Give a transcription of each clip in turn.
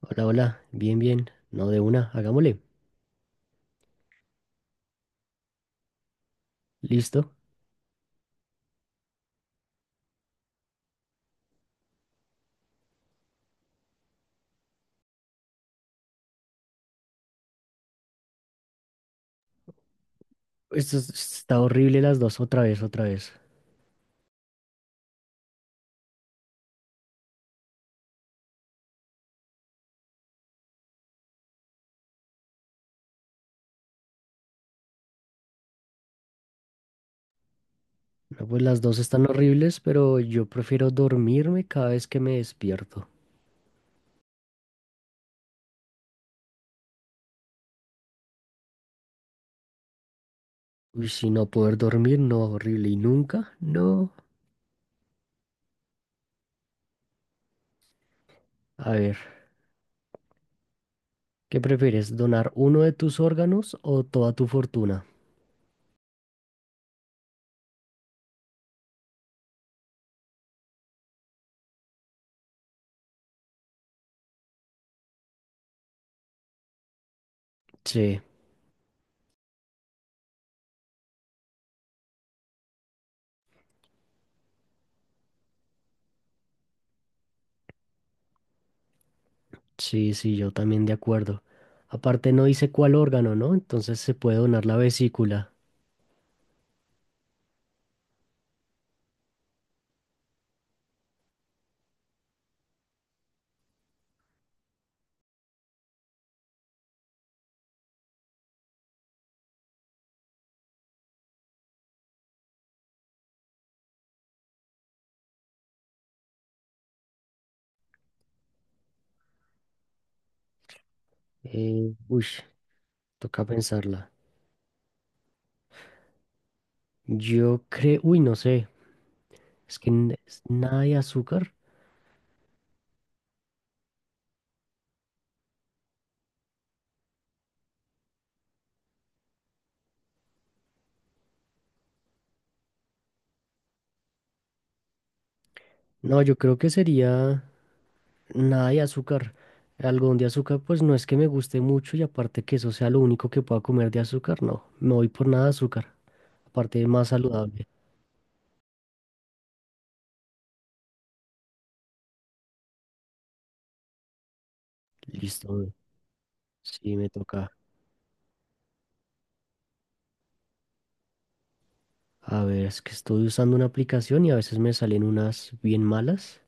Hola, hola, bien, bien, no de una, hagámosle. Listo. Esto es- Está horrible las dos, otra vez, otra vez. No, pues las dos están horribles, pero yo prefiero dormirme cada vez que me despierto. Uy, si no poder dormir, no, horrible, y nunca, no. A ver, ¿qué prefieres, donar uno de tus órganos o toda tu fortuna? Sí, sí, sí, yo también de acuerdo. Aparte no dice cuál órgano, ¿no? Entonces se puede donar la vesícula. Uy, toca pensarla. Yo creo, uy, no sé, es nada de azúcar. No, yo creo que sería nada de azúcar. El algodón de azúcar, pues no es que me guste mucho y aparte que eso sea lo único que pueda comer de azúcar, no, me voy por nada de azúcar, aparte más saludable. Listo, sí, me toca. A ver, es que estoy usando una aplicación y a veces me salen unas bien malas.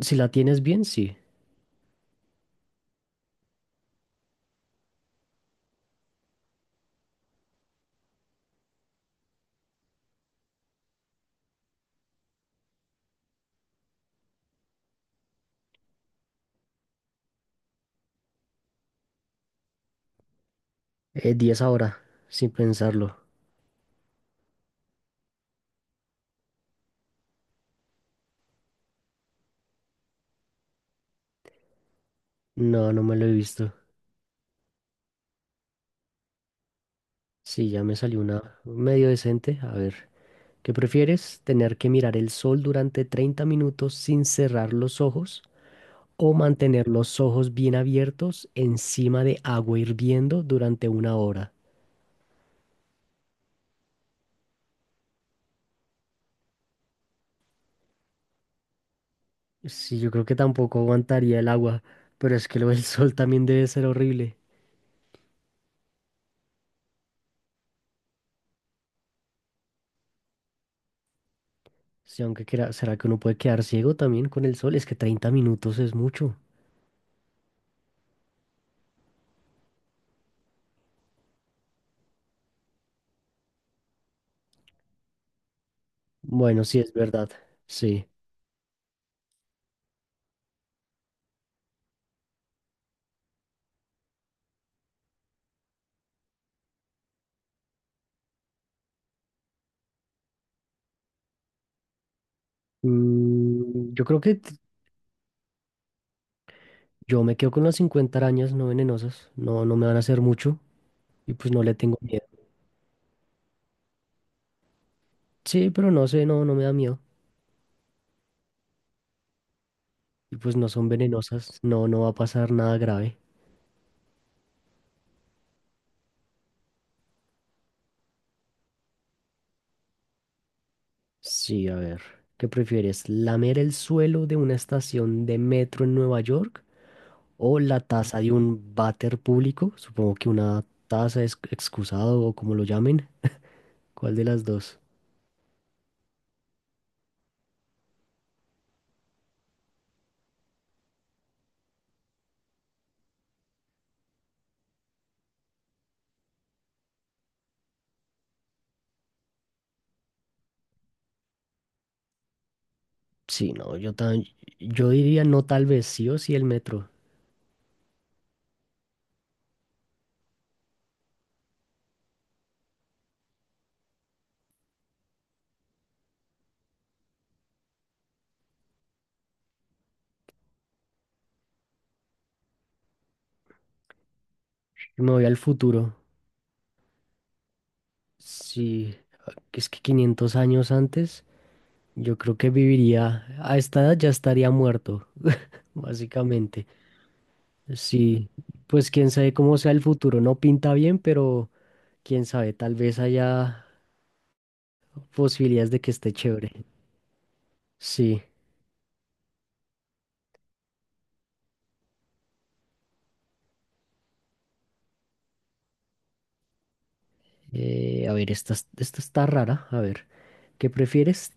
Si la tienes bien, sí. 10 ahora, sin pensarlo. No, no me lo he visto. Sí, ya me salió una medio decente. A ver. ¿Qué prefieres? ¿Tener que mirar el sol durante 30 minutos sin cerrar los ojos o mantener los ojos bien abiertos encima de agua hirviendo durante una hora? Sí, yo creo que tampoco aguantaría el agua, pero es que lo del sol también debe ser horrible. Sí, ¿será que uno puede quedar ciego también con el sol? Es que 30 minutos es mucho. Bueno, sí, es verdad. Sí. Mm, yo creo que t- yo me quedo con las 50 arañas no venenosas. No, no me van a hacer mucho y pues no le tengo miedo. Sí, pero no sé, no, no me da miedo. Y pues no son venenosas, no, no va a pasar nada grave. Sí, a ver, ¿qué prefieres? ¿Lamer el suelo de una estación de metro en Nueva York o la taza de un váter público? Supongo que una taza es excusado o como lo llamen. ¿Cuál de las dos? Sí, no, yo diría no tal vez sí o sí el metro. Me voy al futuro. Sí, que es que 500 años antes, yo creo que viviría, a esta edad ya estaría muerto. Básicamente, sí, pues quién sabe cómo sea el futuro, no pinta bien, pero quién sabe, tal vez haya posibilidades de que esté chévere. Sí, a ver, esta, esta está rara, a ver, ¿qué prefieres?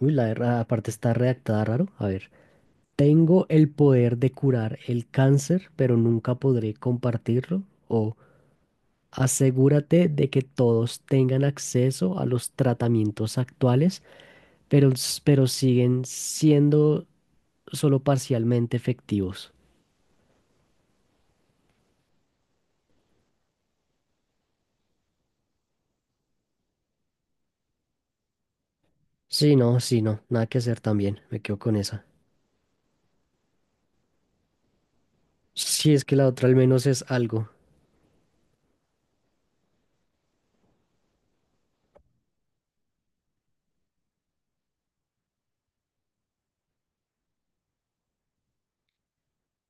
Uy, aparte está redactada raro, a ver, tengo el poder de curar el cáncer, pero nunca podré compartirlo, o asegúrate de que todos tengan acceso a los tratamientos actuales pero, pero siguen siendo solo parcialmente efectivos. Sí, no, sí, no, nada que hacer también, me quedo con esa. Sí, es que la otra al menos es algo.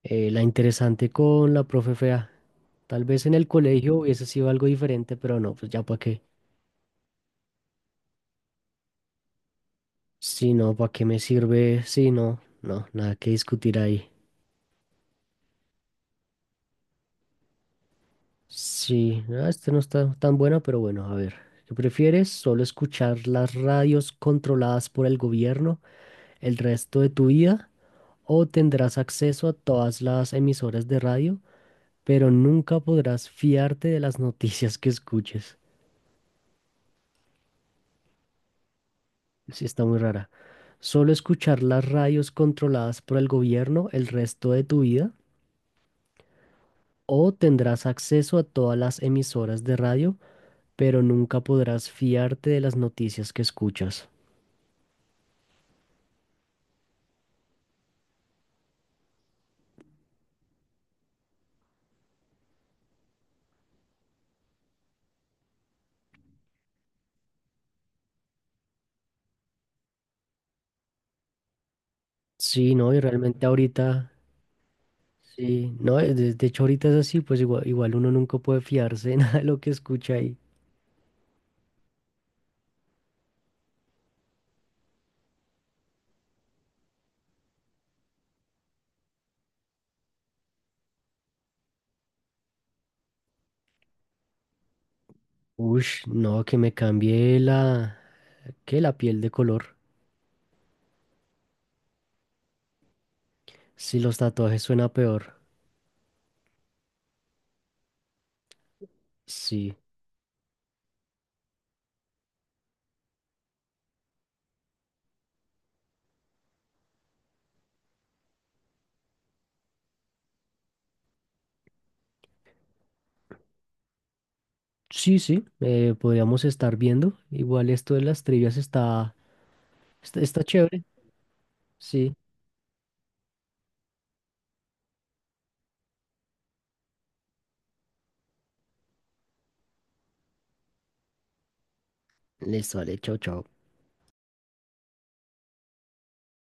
La interesante con la profe fea. Tal vez en el colegio hubiese sido algo diferente, pero no, pues ya para qué. Sí, no, ¿para qué me sirve? Sí, no, no, nada que discutir ahí. Sí, ah, este no está tan buena, pero bueno, a ver. ¿Qué prefieres? ¿Solo escuchar las radios controladas por el gobierno el resto de tu vida o tendrás acceso a todas las emisoras de radio, pero nunca podrás fiarte de las noticias que escuches? Sí, está muy rara. ¿Solo escuchar las radios controladas por el gobierno el resto de tu vida o tendrás acceso a todas las emisoras de radio, pero nunca podrás fiarte de las noticias que escuchas? Sí, no, y realmente ahorita, sí, no, de hecho ahorita es así, pues igual, igual uno nunca puede fiarse de nada de lo que escucha ahí. Ush, no, que me cambie la... ¿Qué? La piel de color. Si los tatuajes suena peor. Sí. Sí, sí, podríamos estar viendo. Igual esto de las trivias está chévere. Sí. Listo, vale, chao, chao.